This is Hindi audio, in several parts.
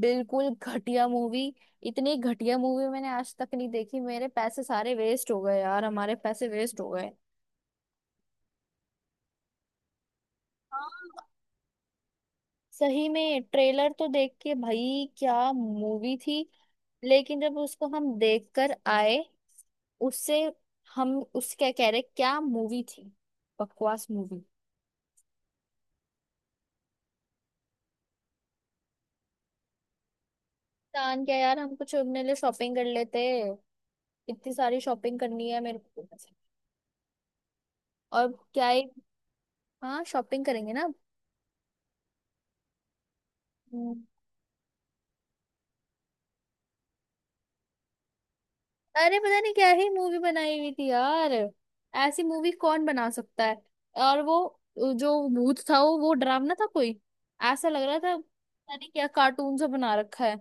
बिल्कुल घटिया मूवी। इतनी घटिया मूवी मैंने आज तक नहीं देखी। मेरे पैसे सारे वेस्ट हो गए यार, हमारे पैसे वेस्ट हो गए। हाँ, सही में ट्रेलर तो देख के, भाई क्या मूवी थी। लेकिन जब उसको हम देख कर आए उससे, हम उस क्या कह रहे, क्या मूवी थी। बकवास मूवी। कान क्या यार, हम कुछ अपने लिए शॉपिंग कर लेते। इतनी सारी शॉपिंग करनी है मेरे को। और क्या ही। हाँ, शॉपिंग करेंगे ना। अरे पता नहीं क्या ही मूवी बनाई हुई थी यार। ऐसी मूवी कौन बना सकता है। और वो जो भूत था, वो डरावना था कोई, ऐसा लग रहा था पता नहीं क्या, कार्टून सा बना रखा है।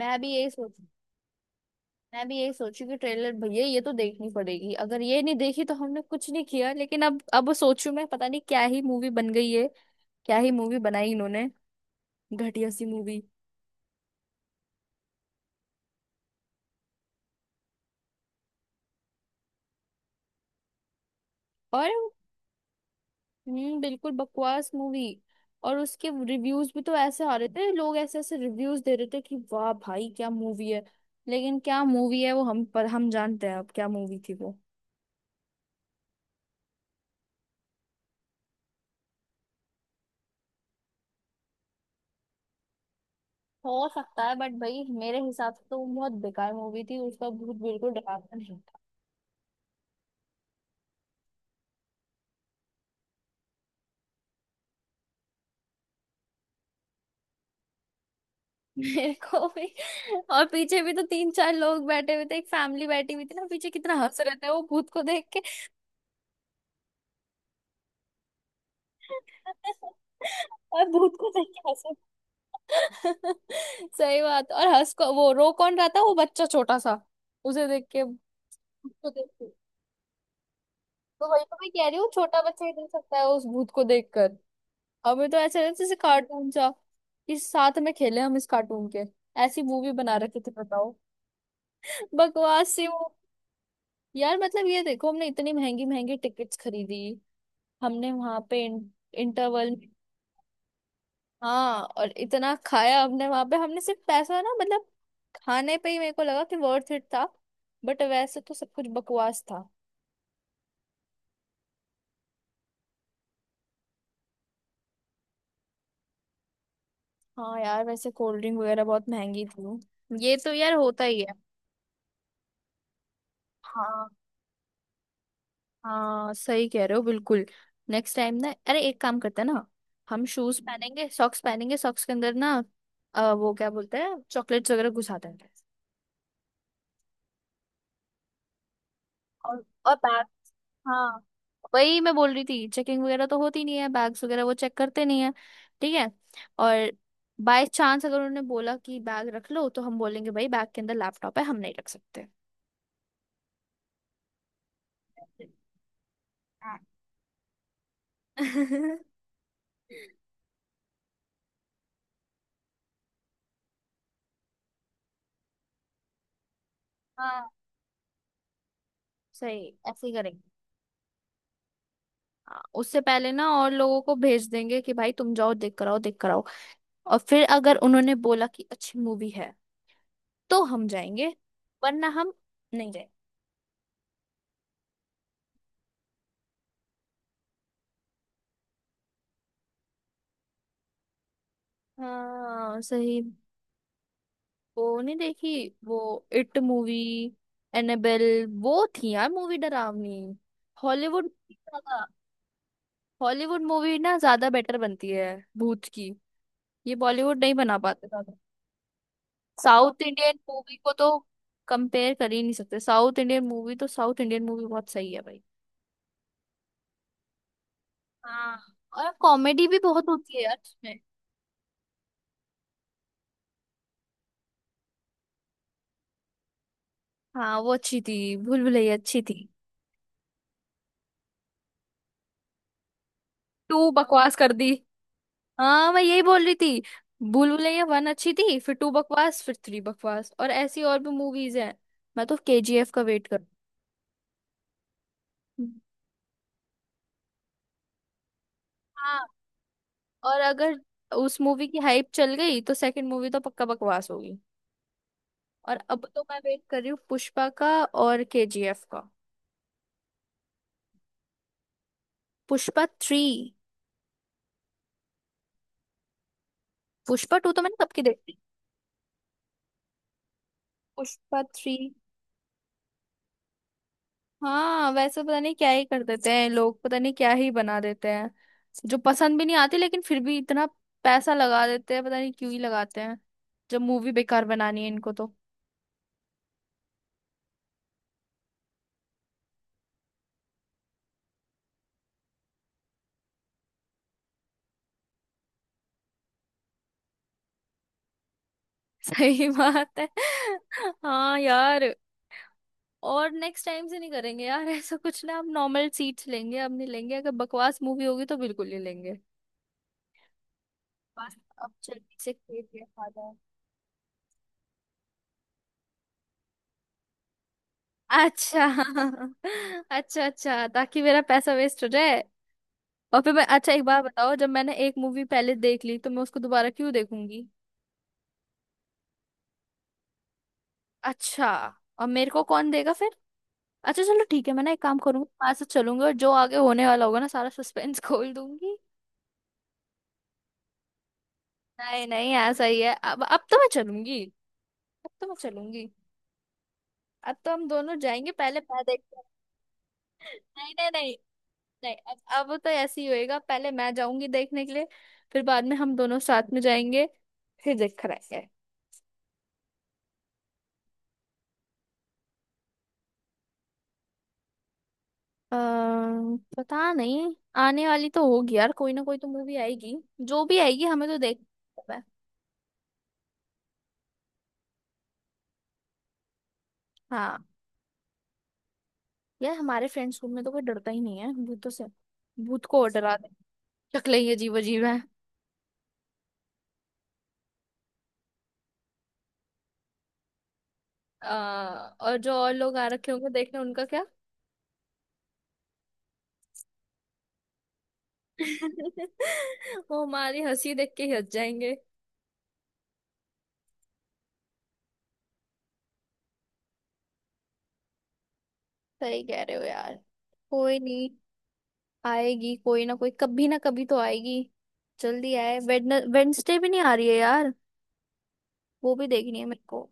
मैं भी यही सोच, मैं भी यही सोची कि ट्रेलर, भैया ये तो देखनी पड़ेगी, अगर ये नहीं देखी तो हमने कुछ नहीं किया। लेकिन अब सोचू मैं, पता नहीं क्या ही मूवी बन गई है। क्या ही मूवी बनाई इन्होंने। घटिया सी मूवी। और हम्म, बिल्कुल बकवास मूवी। और उसके रिव्यूज भी तो ऐसे आ रहे थे, लोग ऐसे ऐसे रिव्यूज दे रहे थे कि वाह भाई क्या मूवी है। लेकिन क्या मूवी है वो, हम पर हम जानते हैं अब क्या मूवी थी वो। हो सकता है, बट भाई मेरे हिसाब से तो वो बहुत बेकार मूवी थी, उसका भूत बिल्कुल डरावना नहीं था। मेरे को भी। और पीछे भी तो तीन चार लोग बैठे हुए थे, एक फैमिली बैठी हुई थी ना पीछे, कितना हंस रहे थे वो भूत को देख के। और भूत को देख के हंस। सही बात। और हंस को, वो रो कौन रहा था, वो बच्चा छोटा सा, उसे देख के, उसको देख के। तो वही तो मैं कह रही हूँ, छोटा बच्चा ही रो सकता है उस भूत को देखकर। हमें तो ऐसे लगता है जैसे कार्टून सा, कि साथ में खेले हम इस कार्टून के। ऐसी मूवी बना रखी थी बताओ। बकवास सी वो। यार मतलब ये देखो, हमने इतनी महंगी महंगी टिकट्स खरीदी, हमने वहां पे इंटरवल, हाँ और इतना खाया हमने वहां पे, हमने सिर्फ पैसा, ना मतलब, खाने पे ही मेरे को लगा कि वर्थ इट था, बट वैसे तो सब कुछ बकवास था। हाँ यार, वैसे कोल्ड ड्रिंक वगैरह बहुत महंगी थी, ये तो यार होता ही है। हाँ, हाँ सही कह रहे हो बिल्कुल। नेक्स्ट टाइम ना, अरे एक काम करते हैं ना, हम शूज पहनेंगे, सॉक्स पहनेंगे, सॉक्स के अंदर ना, वो क्या बोलते हैं, चॉकलेट्स वगैरह घुसा देंगे। और बैग, हाँ, वही मैं बोल रही थी, चेकिंग वगैरह तो होती नहीं है, बैग्स वगैरह वो चेक करते नहीं है। ठीक है। और बाय चांस अगर उन्होंने बोला कि बैग रख लो, तो हम बोलेंगे भाई बैग के अंदर लैपटॉप है, हम नहीं रख सकते। हाँ। हाँ सही, ऐसे ही करेंगे। हाँ, उससे पहले ना और लोगों को भेज देंगे कि भाई तुम जाओ देख कर आओ, देख कर आओ। और फिर अगर उन्होंने बोला कि अच्छी मूवी है, तो हम जाएंगे, वरना हम नहीं जाएंगे। हाँ सही। वो नहीं देखी वो, इट मूवी, एनेबेल, वो थी यार मूवी डरावनी। हॉलीवुड ज्यादा, हॉलीवुड मूवी ना ज्यादा बेटर बनती है भूत की, ये बॉलीवुड नहीं बना पाते ज्यादा। साउथ इंडियन मूवी को तो कंपेयर कर ही नहीं सकते, साउथ इंडियन मूवी तो, साउथ इंडियन मूवी बहुत सही है भाई। हाँ, और कॉमेडी भी बहुत होती है यार उसमें। हाँ वो अच्छी थी, भूल भुलैया अच्छी थी। टू बकवास कर दी, हाँ मैं यही बोल रही थी। भूल भुलैया वन अच्छी थी, फिर टू बकवास, फिर थ्री बकवास, और ऐसी और भी मूवीज हैं। मैं तो केजीएफ का वेट कर, हम्म। हाँ, और अगर उस मूवी की हाइप चल गई तो सेकंड मूवी तो पक्का बकवास होगी। और अब तो मैं वेट कर रही हूँ पुष्पा का और केजीएफ का। पुष्पा थ्री। पुष्पा टू तो मैंने कब की देखी। पुष्पा थ्री। हाँ वैसे पता नहीं क्या ही कर देते हैं लोग, पता नहीं क्या ही बना देते हैं, जो पसंद भी नहीं आती, लेकिन फिर भी इतना पैसा लगा देते हैं, पता नहीं क्यों ही लगाते हैं, जब मूवी बेकार बनानी है इनको तो। सही बात है। हाँ यार, और नेक्स्ट टाइम से नहीं करेंगे यार ऐसा कुछ, ना हम नॉर्मल सीट्स लेंगे, अब नहीं लेंगे, अगर बकवास मूवी होगी तो बिल्कुल नहीं लेंगे। बस। अब जल्दी से खेल के खा जाओ। अच्छा। अच्छा अच्छा, ताकि मेरा पैसा वेस्ट हो जाए। और फिर मैं, अच्छा एक बार बताओ, जब मैंने एक मूवी पहले देख ली तो मैं उसको दोबारा क्यों देखूंगी। अच्छा। और मेरे को कौन देगा फिर। अच्छा चलो ठीक है, मैं ना एक काम करूंगी, आज से चलूंगी, और जो आगे होने वाला होगा ना सारा सस्पेंस खोल दूंगी। नहीं नहीं, ऐसा ही है, अब तो मैं चलूंगी, अब तो मैं चलूंगी। अब तो हम दोनों जाएंगे, पहले मैं देखते हैं। नहीं नहीं नहीं। नहीं अब तो ऐसे ही होएगा, पहले मैं जाऊंगी देखने के लिए, फिर बाद में हम दोनों साथ में जाएंगे, फिर देख कर आएंगे। अ, पता नहीं, आने वाली तो होगी यार, कोई ना कोई तो मूवी आएगी, जो भी आएगी हमें तो देख। हाँ। यार हमारे फ्रेंड्स ग्रुप में तो कोई डरता ही नहीं है भूतों से, भूत को और डरा दे, शक्लें ही अजीब अजीब है। आ, और जो और लोग आ रखे होंगे देखने उनका क्या। वो हमारी हंसी देख के ही हंस जाएंगे। सही कह रहे हो यार। कोई नहीं, आएगी कोई ना कोई, कभी ना कभी तो आएगी। जल्दी आए, वेडनेसडे भी नहीं आ रही है यार, वो भी देखनी है मेरे को।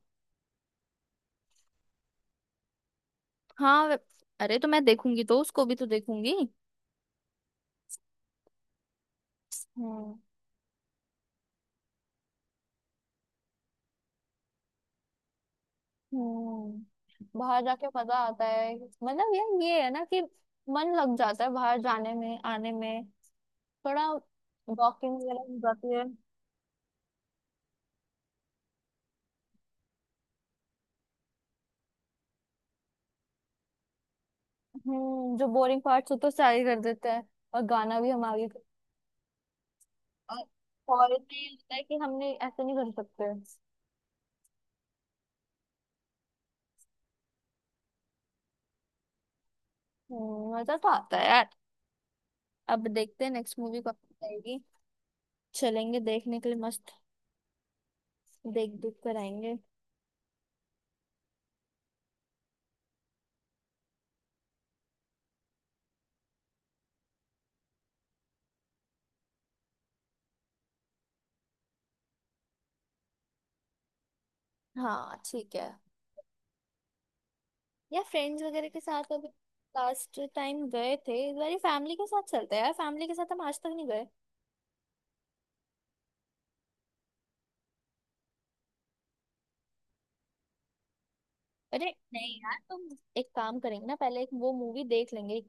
हाँ, अरे तो मैं देखूंगी तो उसको भी तो देखूंगी। हम्म। हम्म, बाहर जाके मजा आता है, मतलब यार ये है ना कि मन लग जाता है बाहर जाने में आने में, थोड़ा वॉकिंग वगैरह हो जाती है। हम्म, जो बोरिंग पार्ट्स होते हैं सारे कर देते हैं, और गाना भी हम आगे कर, और quality ये होता है कि हमने ऐसे नहीं कर सकते। हम्म, मजा तो आता है यार। अब देखते हैं नेक्स्ट मूवी कब आएगी, चलेंगे देखने के लिए, मस्त देख दुख कर आएंगे। हाँ ठीक है। या फ्रेंड्स वगैरह के साथ अभी लास्ट टाइम गए थे, इस बार फैमिली के साथ चलते हैं यार, फैमिली के साथ हम आज तक नहीं गए। अरे नहीं यार तुम, एक काम करेंगे ना, पहले एक वो मूवी देख लेंगे,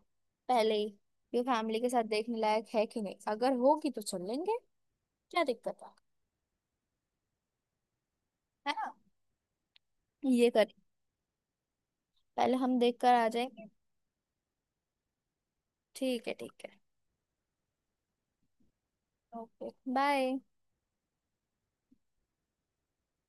पहले ही, ये फैमिली के साथ देखने लायक है कि नहीं, अगर होगी तो चल लेंगे, क्या दिक्कत है। है ना, ये करें। पहले हम देख कर आ जाएंगे। ठीक है ठीक है। Okay bye.